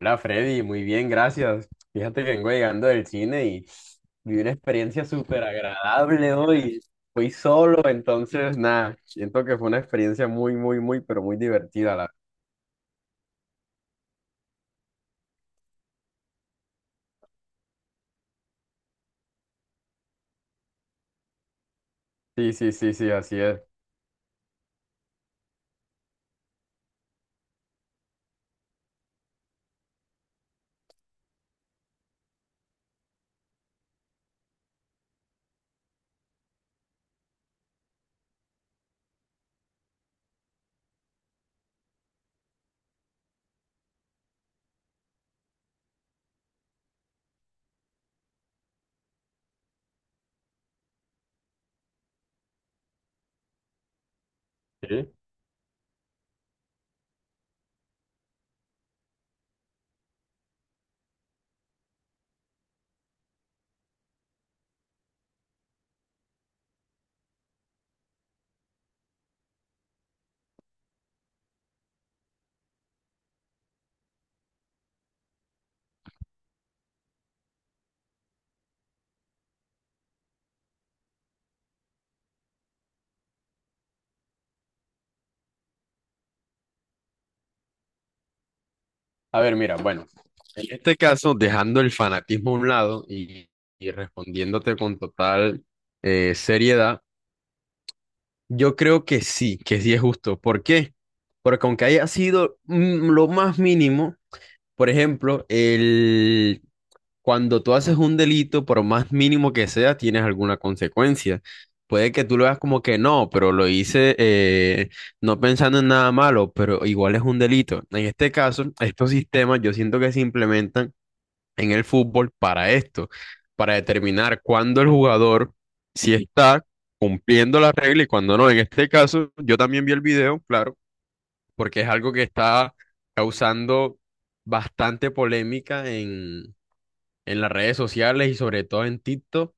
Hola Freddy, muy bien, gracias. Fíjate que vengo llegando del cine y viví una experiencia súper agradable hoy. Fui solo, entonces nada, siento que fue una experiencia muy, muy, muy, pero muy divertida. La... Sí, sí, sí, sí, así es. Sí. A ver, mira, bueno, en este caso, dejando el fanatismo a un lado y respondiéndote con total seriedad, yo creo que sí es justo. ¿Por qué? Porque aunque haya sido lo más mínimo. Por ejemplo, el... cuando tú haces un delito, por más mínimo que sea, tienes alguna consecuencia. Puede que tú lo veas como que no, pero lo hice no pensando en nada malo, pero igual es un delito. En este caso, estos sistemas yo siento que se implementan en el fútbol para esto, para determinar cuándo el jugador si está cumpliendo la regla y cuándo no. En este caso, yo también vi el video, claro porque es algo que está causando bastante polémica en las redes sociales y sobre todo en TikTok.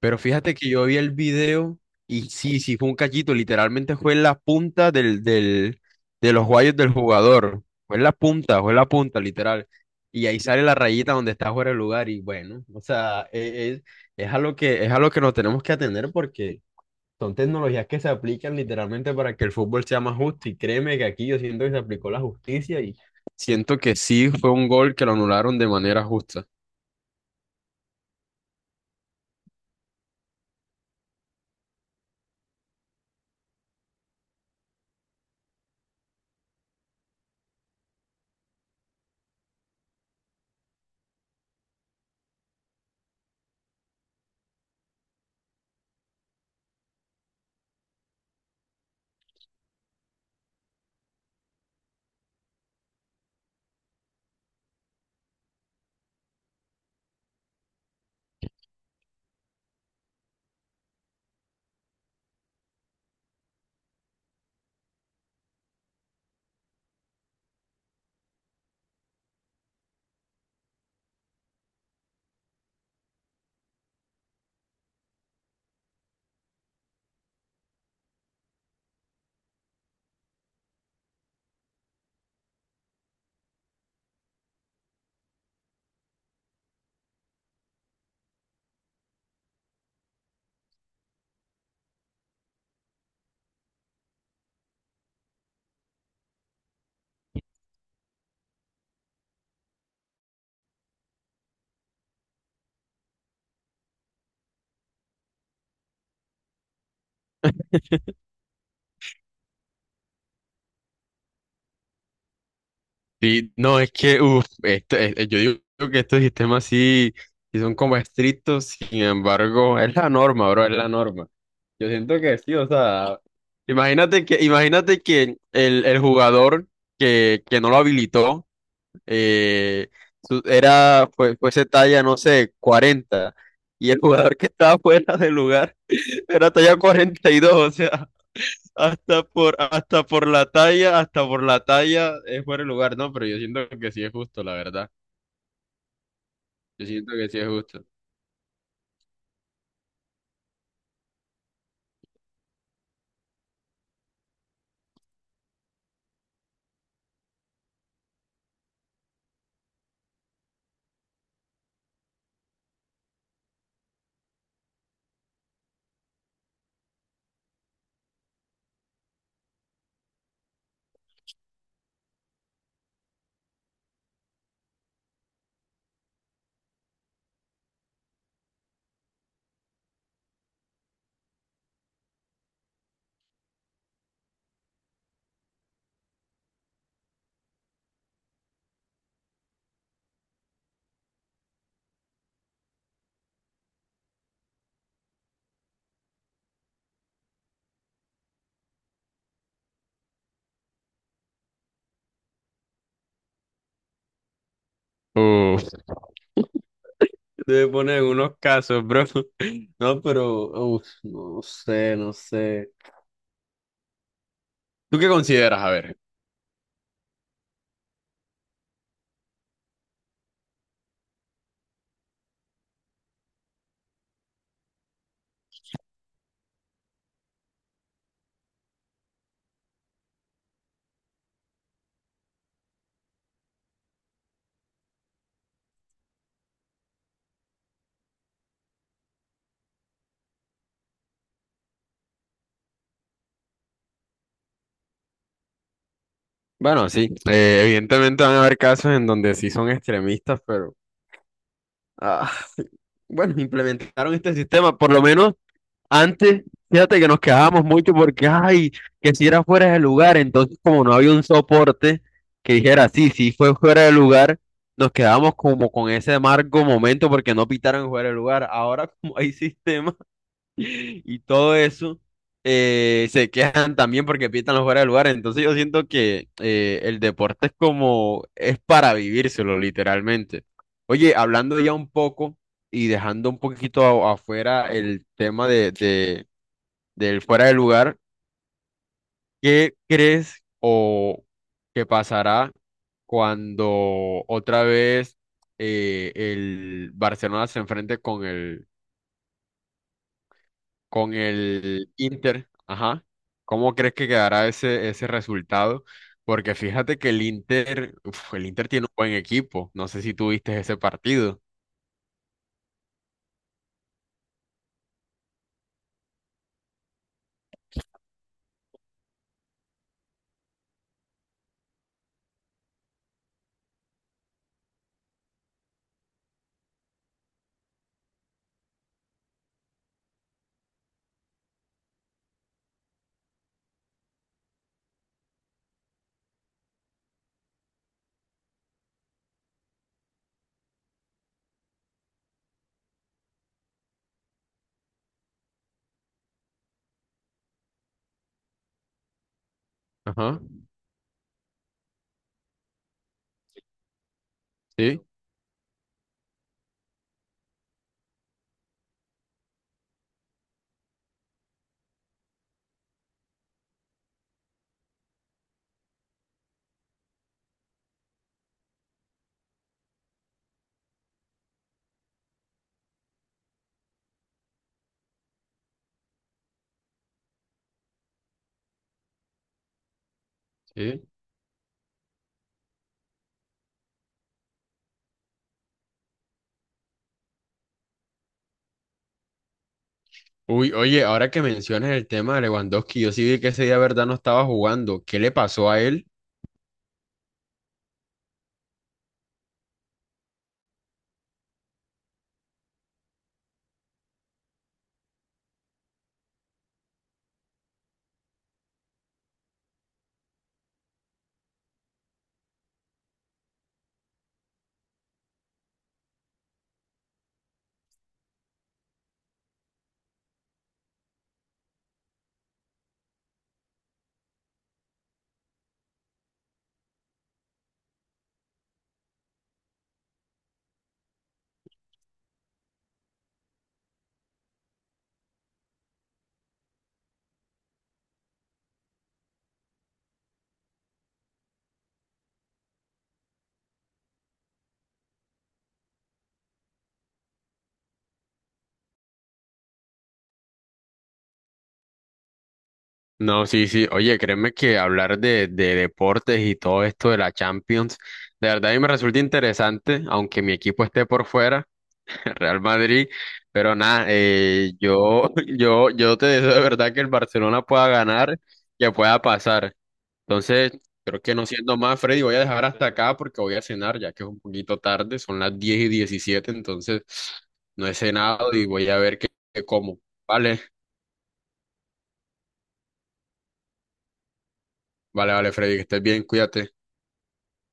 Pero fíjate que yo vi el video y sí, sí, fue un cachito, literalmente fue en la punta del, de los guayos del jugador. Fue en la punta, fue en la punta, literal. Y ahí sale la rayita donde está fuera el lugar y bueno, o sea, es, es a lo que nos tenemos que atener porque... Son tecnologías que se aplican literalmente para que el fútbol sea más justo y créeme que aquí yo siento que se aplicó la justicia y siento que sí fue un gol que lo anularon de manera justa. Y no, es que, uf, yo digo que estos sistemas sí, sí son como estrictos, sin embargo, es la norma, bro, es la norma. Yo siento que sí, o sea, imagínate que el jugador que no lo habilitó eh, fuese talla, no sé, cuarenta. Y el jugador que estaba fuera del lugar era talla cuarenta y dos, o sea, hasta por la talla es fuera el lugar, ¿no? Pero yo siento que sí es justo, la verdad. Yo siento que sí es justo. Uf, te ponen en unos casos, bro. No, pero, uf, no sé, no sé. ¿Tú qué consideras? A ver. Bueno, sí, evidentemente van a haber casos en donde sí son extremistas, pero... Ah, bueno, implementaron este sistema, por lo menos antes, fíjate que nos quedábamos mucho porque, ay, que si era fuera de lugar, entonces como no había un soporte que dijera, sí, sí fue fuera de lugar, nos quedábamos como con ese amargo momento porque no pitaron fuera de lugar. Ahora como hay sistemas y todo eso, se quejan también porque pitan los fuera de lugar. Entonces yo siento que el deporte es como, es para vivírselo literalmente. Oye, hablando ya un poco y dejando un poquito afuera el tema del fuera de lugar, ¿qué crees o qué pasará cuando otra vez el Barcelona se enfrente con el Inter, ajá. ¿Cómo crees que quedará ese resultado? Porque fíjate que el Inter, uf, el Inter tiene un buen equipo. No sé si tú viste ese partido. Ajá, sí, sí. Uy, oye, ahora que mencionas el tema de Lewandowski, yo sí vi que ese día, verdad, no estaba jugando. ¿Qué le pasó a él? No, sí, sí. Oye, créeme que hablar de deportes y todo esto de la Champions, de verdad a mí me resulta interesante, aunque mi equipo esté por fuera. Real Madrid, pero nada, yo te deseo de verdad que el Barcelona pueda ganar, que pueda pasar. Entonces, creo que no siendo más, Freddy, voy a dejar hasta acá porque voy a cenar, ya que es un poquito tarde, son las 10:17, entonces no he cenado y voy a ver qué, qué como. Vale, vale, Freddy, que estés bien, cuídate.